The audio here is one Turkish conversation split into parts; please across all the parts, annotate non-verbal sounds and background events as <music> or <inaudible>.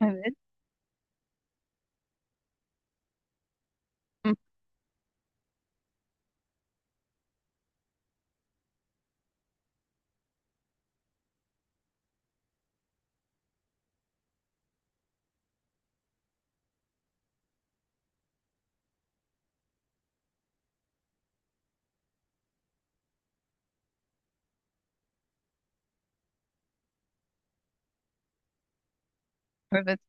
Evet. Hı, evet.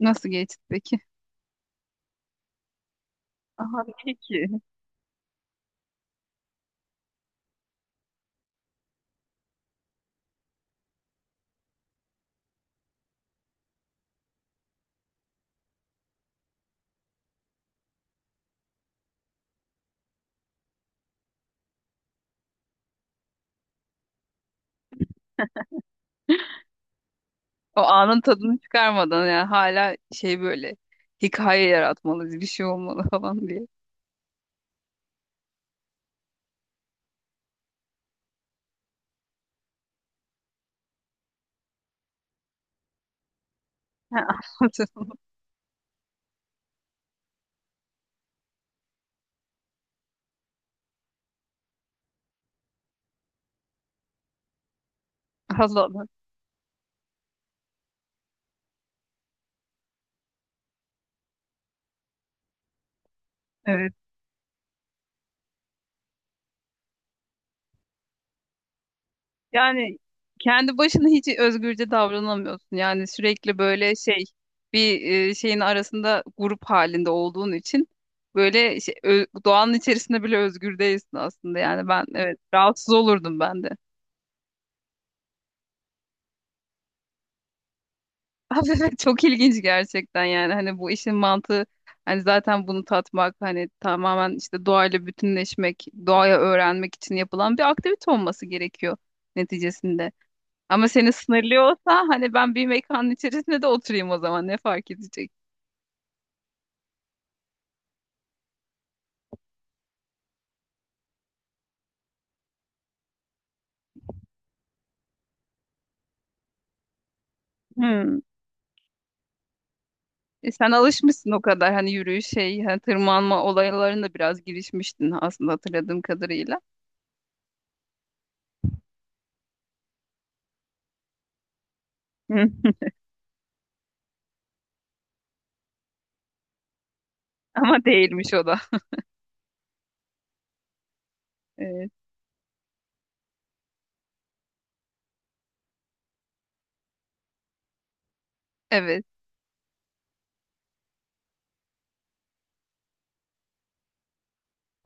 Nasıl geçti peki? Aha iyi ki. O anın tadını çıkarmadan yani hala böyle hikaye yaratmalıyız, bir şey olmalı falan diye. Ha, anladım. <laughs> Allah Allah. Evet. Yani kendi başına hiç özgürce davranamıyorsun. Yani sürekli böyle bir şeyin arasında grup halinde olduğun için böyle doğanın içerisinde bile özgür değilsin aslında. Yani ben, evet, rahatsız olurdum ben de. Abi evet, çok ilginç gerçekten yani hani bu işin mantığı hani zaten bunu tatmak, hani tamamen işte doğayla bütünleşmek, doğaya öğrenmek için yapılan bir aktivite olması gerekiyor neticesinde. Ama seni sınırlıyorsa hani ben bir mekanın içerisinde de oturayım, o zaman ne fark edecek? Hmm. E sen alışmışsın o kadar, hani yürüyüş hani tırmanma olaylarında biraz girişmiştin aslında hatırladığım kadarıyla. Hı. Ama değilmiş o da. Evet. Evet.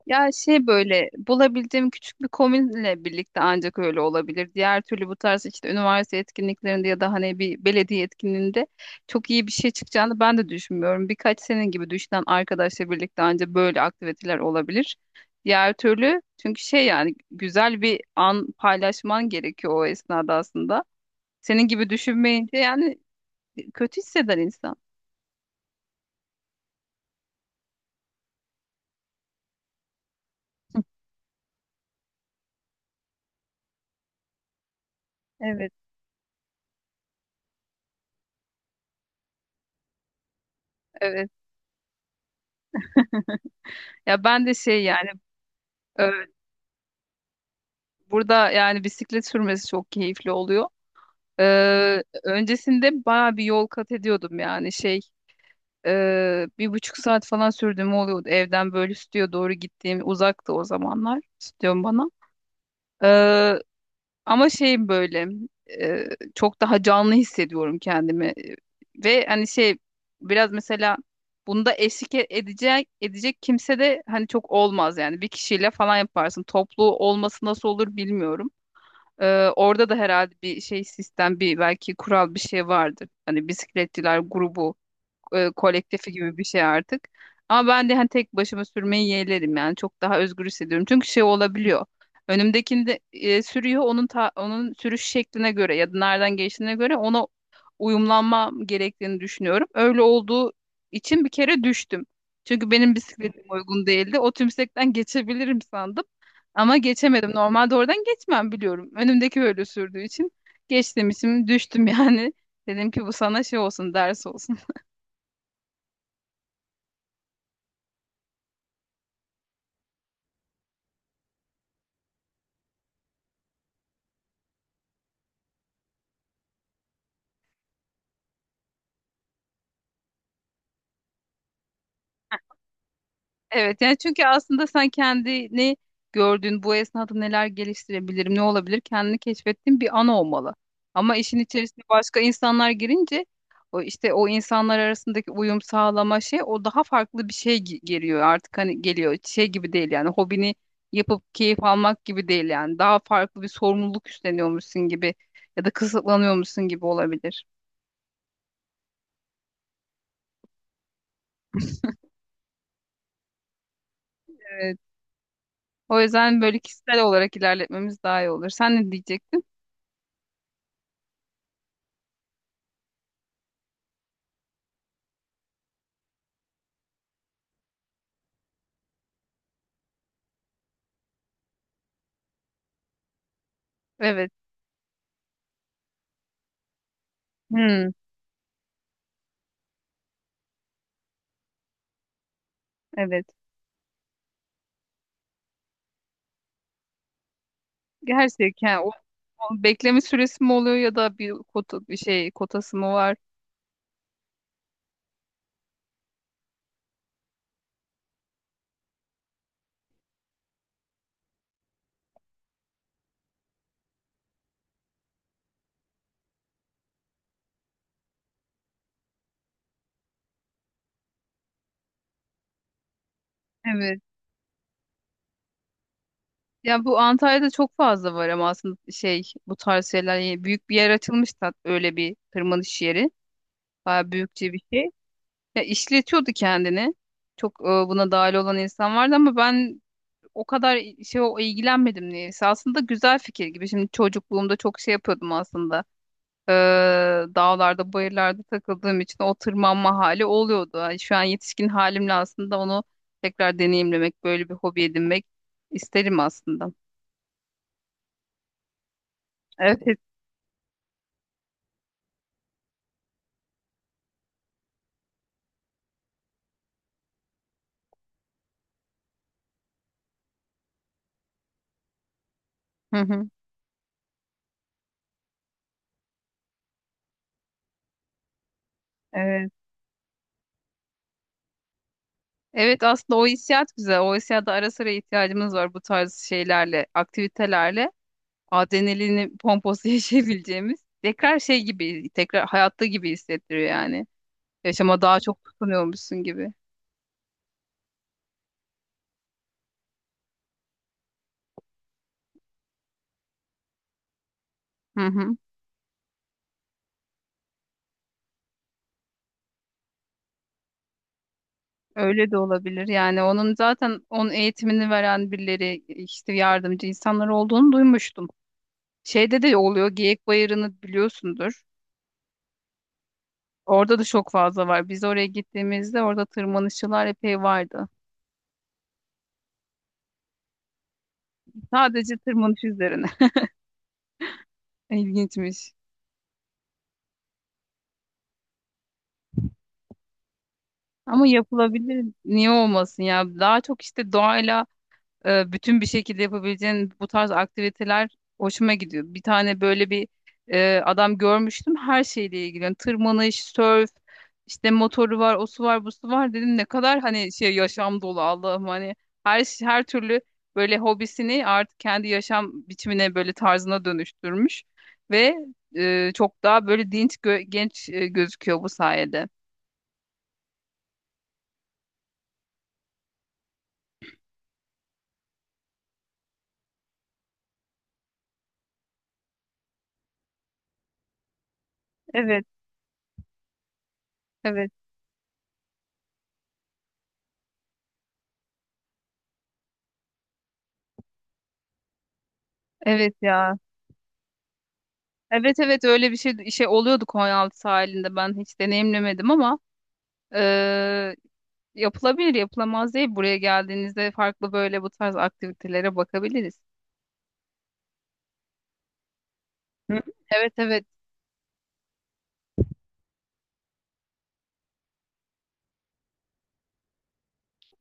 Ya böyle bulabildiğim küçük bir komünle birlikte ancak öyle olabilir. Diğer türlü bu tarz işte üniversite etkinliklerinde ya da hani bir belediye etkinliğinde çok iyi bir şey çıkacağını ben de düşünmüyorum. Birkaç senin gibi düşünen arkadaşla birlikte ancak böyle aktiviteler olabilir. Diğer türlü çünkü yani güzel bir an paylaşman gerekiyor o esnada aslında. Senin gibi düşünmeyince yani kötü hisseder insan. Evet, evet. Ya ben de yani e, burada yani bisiklet sürmesi çok keyifli oluyor. Öncesinde bayağı bir yol kat ediyordum, yani bir buçuk saat falan sürdüğüm oluyordu evden böyle stüdyoya doğru, gittiğim uzaktı o zamanlar stüdyom bana. Ee, ama şey böyle e, çok daha canlı hissediyorum kendimi ve hani biraz mesela bunda eşlik edecek kimse de hani çok olmaz, yani bir kişiyle falan yaparsın, toplu olması nasıl olur bilmiyorum. Ee, orada da herhalde bir sistem, bir belki kural bir şey vardır. Hani bisikletçiler grubu, kolektifi gibi bir şey artık. Ama ben de hani tek başıma sürmeyi yeğlerim, yani çok daha özgür hissediyorum. Çünkü şey olabiliyor. Önümdekini sürüyor onun onun sürüş şekline göre ya da nereden geçtiğine göre ona uyumlanmam gerektiğini düşünüyorum. Öyle olduğu için bir kere düştüm. Çünkü benim bisikletim uygun değildi. O tümsekten geçebilirim sandım. Ama geçemedim. Normalde oradan geçmem, biliyorum. Önümdeki böyle sürdüğü için geçtim için düştüm yani. <laughs> Dedim ki bu sana ders olsun. Evet, yani çünkü aslında sen kendini gördüğün bu esnada neler geliştirebilirim, ne olabilir, kendini keşfettiğin bir an olmalı. Ama işin içerisine başka insanlar girince o işte o insanlar arasındaki uyum sağlama o daha farklı bir şey geliyor artık, hani geliyor şey gibi değil yani, hobini yapıp keyif almak gibi değil yani, daha farklı bir sorumluluk üstleniyormuşsun gibi ya da kısıtlanıyormuşsun gibi olabilir. Evet. O yüzden böyle kişisel olarak ilerletmemiz daha iyi olur. Sen ne diyecektin? Evet. Hmm, evet. Gerçekten o, o bekleme süresi mi oluyor ya da bir kota, bir kotası mı var? Evet. Ya bu Antalya'da çok fazla var ama aslında bu tarz şeyler yani, büyük bir yer açılmış da, öyle bir tırmanış yeri. Bayağı büyükçe bir şey. Ya işletiyordu kendini. Çok buna dahil olan insan vardı ama ben o kadar şey o ilgilenmedim niyeyse. Aslında güzel fikir gibi. Şimdi çocukluğumda çok şey yapıyordum aslında. e, dağlarda, bayırlarda takıldığım için o tırmanma hali oluyordu. Ay, şu an yetişkin halimle aslında onu tekrar deneyimlemek, böyle bir hobi edinmek isterim aslında. Evet. Hı hı. Evet. Evet aslında o hissiyat güzel. O hissiyata ara sıra ihtiyacımız var bu tarz şeylerle, aktivitelerle. Adrenalini pomposu <laughs> yaşayabileceğimiz. Tekrar tekrar hayatta gibi hissettiriyor yani. Yaşama daha çok tutunuyormuşsun gibi. Hı hı. Öyle de olabilir. Yani onun zaten onun eğitimini veren birileri, işte yardımcı insanlar olduğunu duymuştum. Şeyde de oluyor, Geyik Bayırı'nı biliyorsundur. Orada da çok fazla var. Biz oraya gittiğimizde orada tırmanışçılar epey vardı. Sadece tırmanış üzerine. <laughs> İlginçmiş. Ama yapılabilir. Niye olmasın ya? Daha çok işte doğayla bütün bir şekilde yapabileceğin bu tarz aktiviteler hoşuma gidiyor. Bir tane böyle bir adam görmüştüm her şeyle ilgili. Yani tırmanış, sörf, işte motoru var, o su var, bu su var, dedim ne kadar hani yaşam dolu Allah'ım, hani her türlü böyle hobisini artık kendi yaşam biçimine, böyle tarzına dönüştürmüş ve çok daha böyle dinç genç gözüküyor bu sayede. Evet, evet. Evet ya. Evet, evet, öyle bir oluyordu Konyaaltı sahilinde, ben hiç deneyimlemedim ama eee, yapılabilir yapılamaz değil, buraya geldiğinizde farklı böyle bu tarz aktivitelere bakabiliriz. Hı. Evet, evet,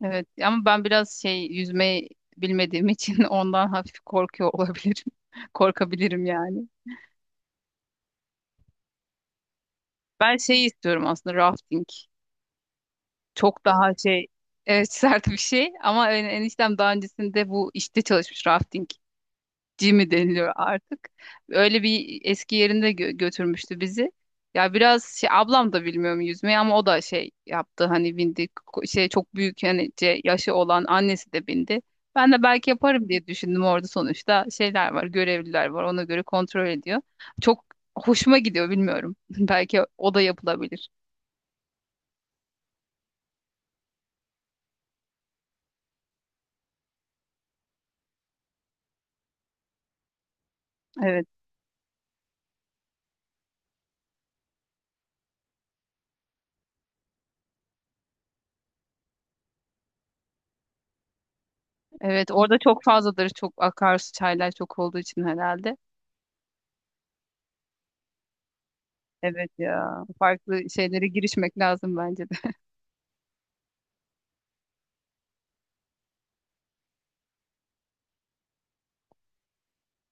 evet, ama ben biraz yüzmeyi bilmediğim için <laughs> ondan hafif korkuyor olabilirim. <laughs> Korkabilirim yani. Ben şey istiyorum aslında, rafting. Çok daha evet <laughs> sert bir şey, ama eniştem daha öncesinde bu işte çalışmış, rafting. G mi deniliyor artık. Öyle bir eski yerinde götürmüştü bizi. Ya biraz şey, ablam da bilmiyorum yüzmeyi ama o da şey yaptı, hani bindi, çok büyük hani, yaşı olan annesi de bindi. Ben de belki yaparım diye düşündüm, orada sonuçta şeyler var, görevliler var, ona göre kontrol ediyor. Çok hoşuma gidiyor bilmiyorum. <laughs> Belki o da yapılabilir. Evet. Evet orada çok fazladır, çok akarsu, çaylar çok olduğu için herhalde. Evet ya, farklı şeylere girişmek lazım bence de.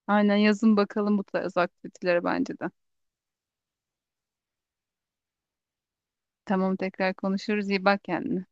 Aynen, yazın bakalım bu tarz aktivitelere bence de. Tamam, tekrar konuşuruz. İyi bak kendine.